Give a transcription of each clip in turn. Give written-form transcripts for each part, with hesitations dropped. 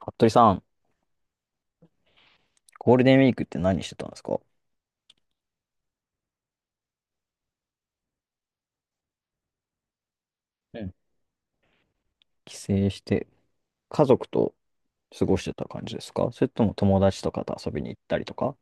服部さん、ゴールデンウィークって何してたんですか？うん。帰省して、家族と過ごしてた感じですか？それとも友達とかと遊びに行ったりとか。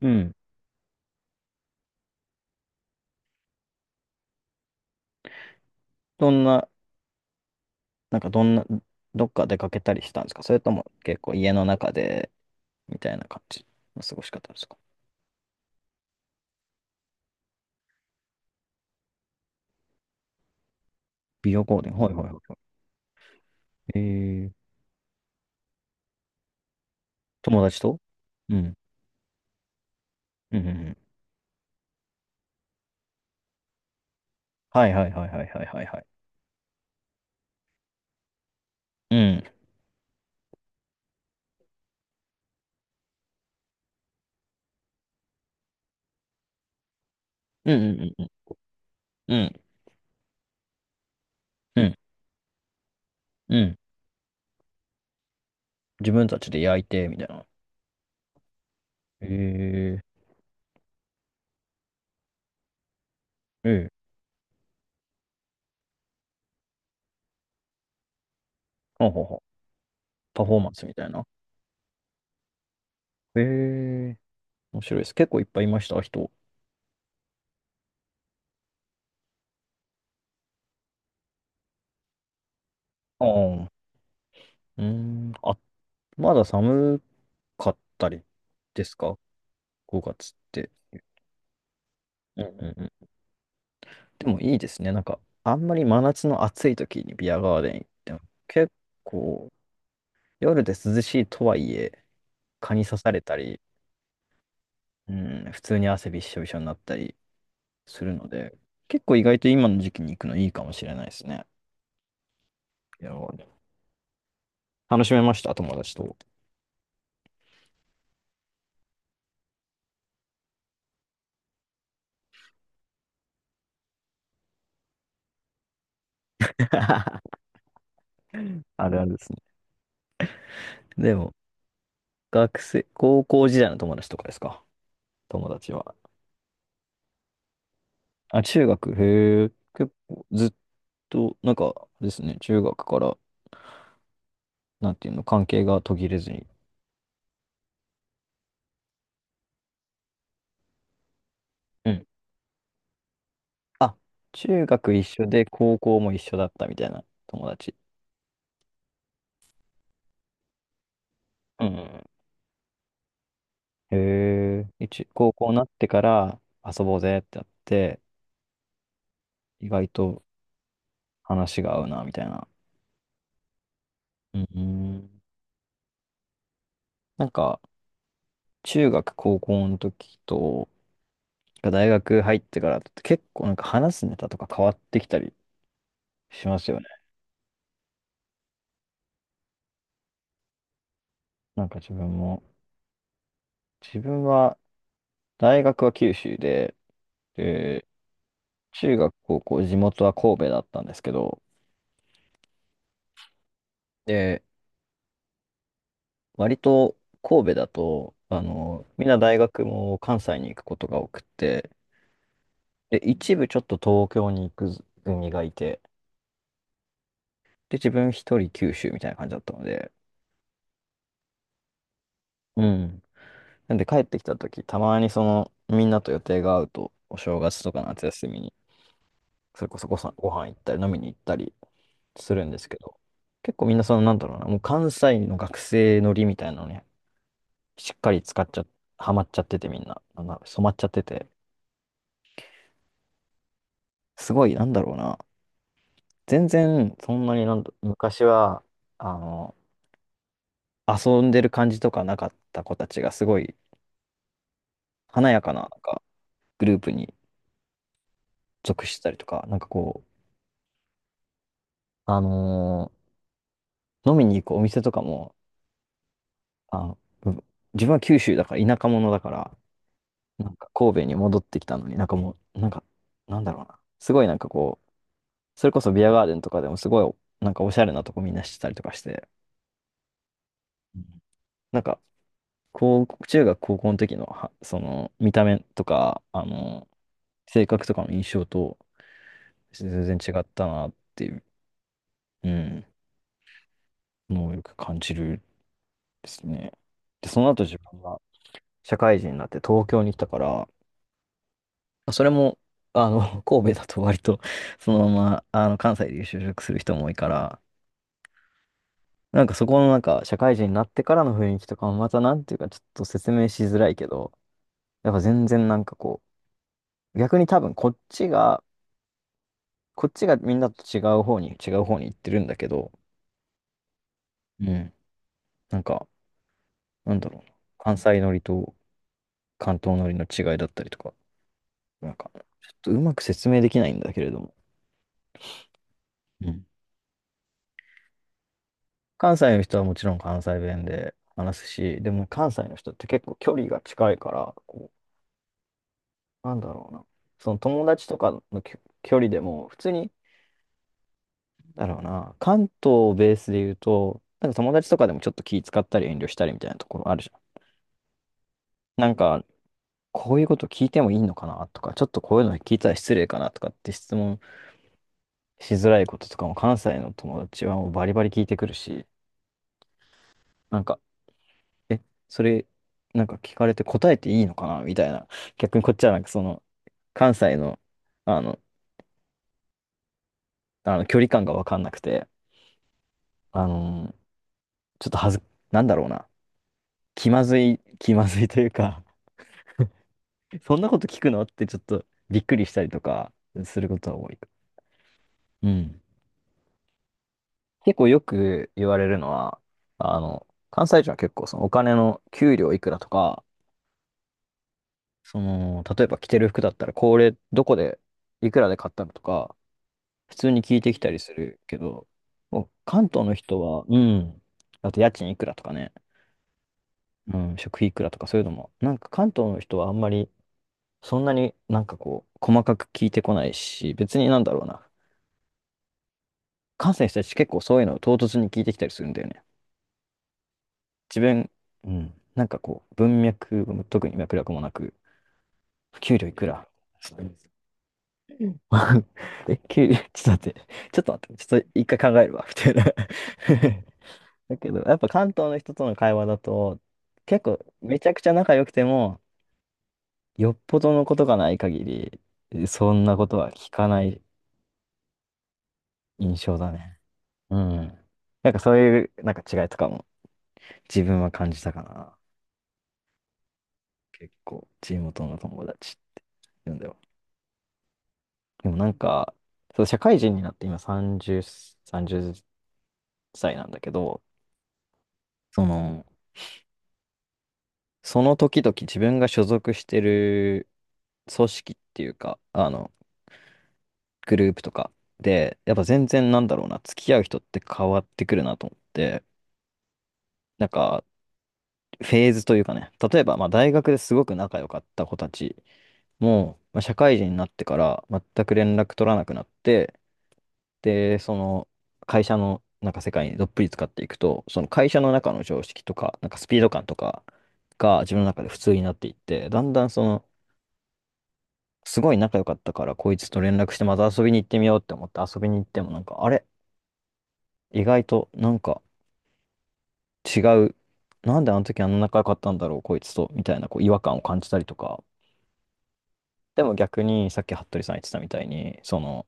うん。どんな、なんかどんな、どっか出かけたりしたんですか？それとも結構家の中で、みたいな感じの過ごし方ですか？美容ゴールデン、はいはいはい。友達と。うん。うんうんうん。はいはいはいはいはいはいはい。うん。うんうんうんうん。うん。うん。うん。自分たちで焼いて、みたいな。えー、えー。ほほうほう。パフォーマンスみたいな。ええ、面白いです。結構いっぱいいました、人。ああ、うーん。あ、まだ寒かったりですか？ 5 月って。うんうんうん。でもいいですね。なんか、あんまり真夏の暑い時にビアガーデン行っても、結構、夜で涼しいとはいえ、蚊に刺されたり、うん、普通に汗びっしょびしょになったりするので、結構意外と今の時期に行くのいいかもしれないですね。ビアガーデン楽しめました、友達と。あるあるですね。でも、学生、高校時代の友達とかですか？友達は。あ、中学、へえ、結構ずっと、なんかですね、中学から、なんていうの、関係が途切れずに。うん。あ、中学一緒で高校も一緒だったみたいな友達。うんうんうん。へえ、一、高校になってから遊ぼうぜってやって、意外と話が合うな、みたいな。うんうん。なんか、中学、高校の時と、大学入ってからだと結構なんか話すネタとか変わってきたりしますよね。なんか自分も、自分は大学は九州で、で、中学、高校、地元は神戸だったんですけど、で、割と神戸だと、みんな大学も関西に行くことが多くて、で、一部ちょっと東京に行く組がいて、で、自分一人九州みたいな感じだったので、うん。なんで帰ってきた時、たまにその、みんなと予定が合うと、お正月とか夏休みに、それこそご飯行ったり飲みに行ったりするんですけど、結構みんなその、なんだろうな、もう関西の学生のりみたいなのね、しっかり使っちゃ、ハマっちゃっててみんな、なんだ染まっちゃってて、すごい、なんだろうな、全然そんなになんだ、昔は、あの、遊んでる感じとかなかった子たちがすごい華やかな、なんかグループに属してたりとか、なんかこう、あの飲みに行くお店とかも、あの、う、自分は九州だから田舎者だから、なんか神戸に戻ってきたのに、なんかもう、なんか、なんだろうな。すごいなんかこう、それこそビアガーデンとかでもすごい、なんかおしゃれなとこみんなしてたりとかして、うん。なんか、こう、中学高校の時のは、その、見た目とか、性格とかの印象と全然違ったなっていう、うん、のをよく感じるですね。で、その後自分が社会人になって東京に来たから、まあそれも、神戸だと割と、そのまま、関西で就職する人も多いから、なんかそこのなんか、社会人になってからの雰囲気とかもまたなんていうか、ちょっと説明しづらいけど、やっぱ全然なんかこう、逆に多分こっちが、みんなと違う方に、行ってるんだけど、うん、なんか、なんだろうな、関西乗りと関東乗りの違いだったりとか、なんか、ちょっとうまく説明できないんだけれども、うん。関西の人はもちろん関西弁で話すし、でも関西の人って結構距離が近いから、こう、なんだろうな。その友達とかの距離でも、普通に、なんだろうな、関東をベースで言うと、なんか友達とかでもちょっと気使ったり遠慮したりみたいなところあるじゃん。なんか、こういうこと聞いてもいいのかなとか、ちょっとこういうの聞いたら失礼かなとかって質問しづらいこととかも関西の友達はもうバリバリ聞いてくるし、なんか、え、それ、なんか聞かれて答えていいのかなみたいな。逆にこっちはなんかその、関西の、あの、あの距離感がわかんなくて、あのーちょっとはず、なんだろうな。気まずい、気まずい というか そんなこと聞くのってちょっとびっくりしたりとかすることは多い。うん。結構よく言われるのは、関西人は結構そのお金の給料いくらとか、その、例えば着てる服だったらこれどこでいくらで買ったのとか、普通に聞いてきたりするけど、もう関東の人は、うん、あと家賃いくらとかね、うん、食費いくらとかそういうのも、なんか関東の人はあんまり、そんなになんかこう、細かく聞いてこないし、別になんだろうな、関西の人たち結構そういうのを唐突に聞いてきたりするんだよね。自分、うん、なんかこう、文脈、特に脈絡もなく、給料いくら。 え、給料、ちょっと待って、ちょっと待って、ちょっと一回考えるわ、みたいな。 だけど、やっぱ関東の人との会話だと、結構めちゃくちゃ仲良くても、よっぽどのことがない限り、そんなことは聞かない印象だね。うん。なんかそういう、なんか違いとかも自分は感じたかな。結構、地元の友達って言うんだよ。でもなんか、そう、社会人になって今30、30歳なんだけど、その、その時々自分が所属してる組織っていうか、グループとかで、やっぱ全然なんだろうな、付き合う人って変わってくるなと思って、なんか、フェーズというかね、例えば、まあ、大学ですごく仲良かった子たちも、まあ、社会人になってから全く連絡取らなくなって、で、その、会社のなんか世界にどっぷり使っていくと、その会社の中の常識とか、なんかスピード感とかが自分の中で普通になっていって、だんだんその、すごい仲良かったから、こいつと連絡してまた遊びに行ってみようって思って遊びに行っても、なんか、あれ意外となんか違う。なんであの時あんな仲良かったんだろう、こいつと、みたいなこう違和感を感じたりとか。でも逆に、さっき服部さん言ってたみたいに、その、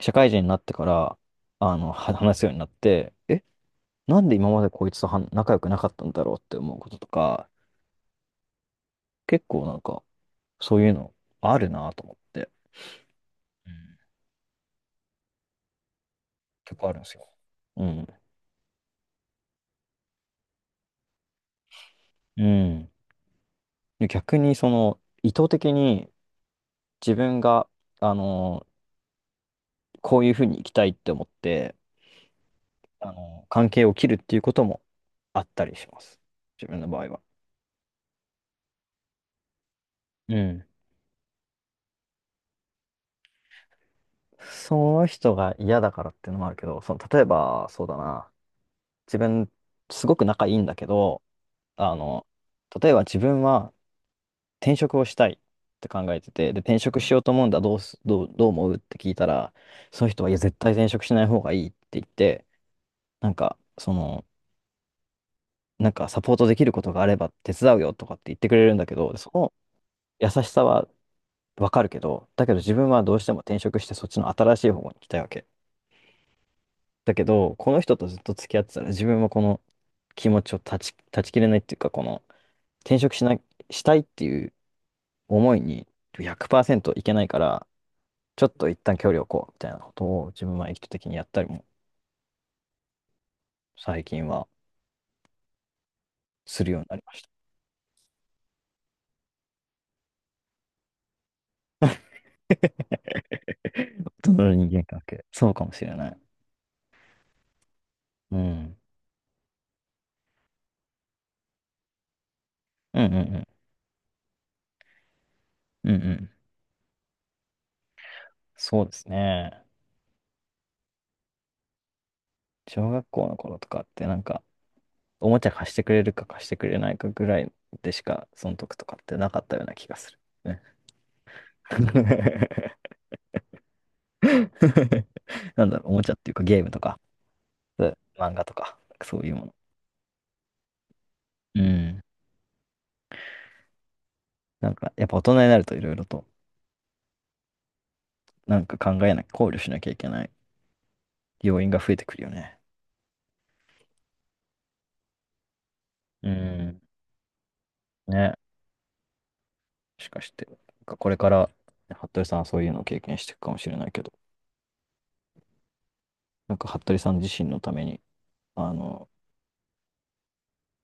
社会人になってから、話すようになって、え、なんで今までこいつとは仲良くなかったんだろうって思うこととか、結構なんか、そういうのあるなと思って、うん。結構あるんですよ。うん。うん。で逆に、その、意図的に自分が、あの、こういうふうに生きたいって思って、関係を切るっていうこともあったりします。自分の場合は。うん。その人が嫌だからっていうのもあるけど、その、例えば、そうだな。自分、すごく仲いいんだけど、あの、例えば自分は転職をしたいって考えてて、で、転職しようと思うんだ、どう思うって聞いたら、その人は、いや、絶対転職しない方がいいって言って、なんか、その、なんかサポートできることがあれば手伝うよとかって言ってくれるんだけど、その優しさはわかるけど、だけど自分はどうしても転職してそっちの新しい方に行きたいわけ。だけど、この人とずっと付き合ってたら自分はこの気持ちを断ち切れないっていうか、この転職しなしたいっていう思いに100%いけないから、ちょっと一旦距離を置こうみたいなことを自分は意図的にやったりも最近はするようになりました。人の人間関係。そうかもしれない。うん。うんうんうん。うんうん。そうですね。小学校の頃とかってなんかおもちゃ貸してくれるか貸してくれないかぐらいでしか、損得とかってなかったような気がする。ね。 なんだろう、おもちゃっていうかゲームとか、そう漫画とか、そういうもの。うん。なんか、やっぱ大人になるといろいろと、なんか考えなきゃ、考慮しなきゃいけない要因が増えてくるよね。うん。ね。しかして、なんかこれから、服部さんはそういうのを経験していくかもしれないけど、なんか服部さん自身のために、あの、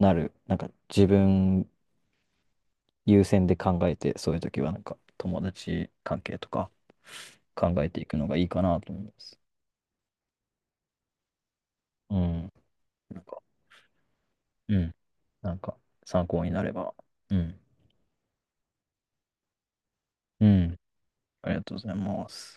なんか自分優先で考えて、そういう時はなんか友達関係とか考えていくのがいいかなと思います。うん。なんか、うん。なんか参考になれば。うん。うん。ありがとうございます。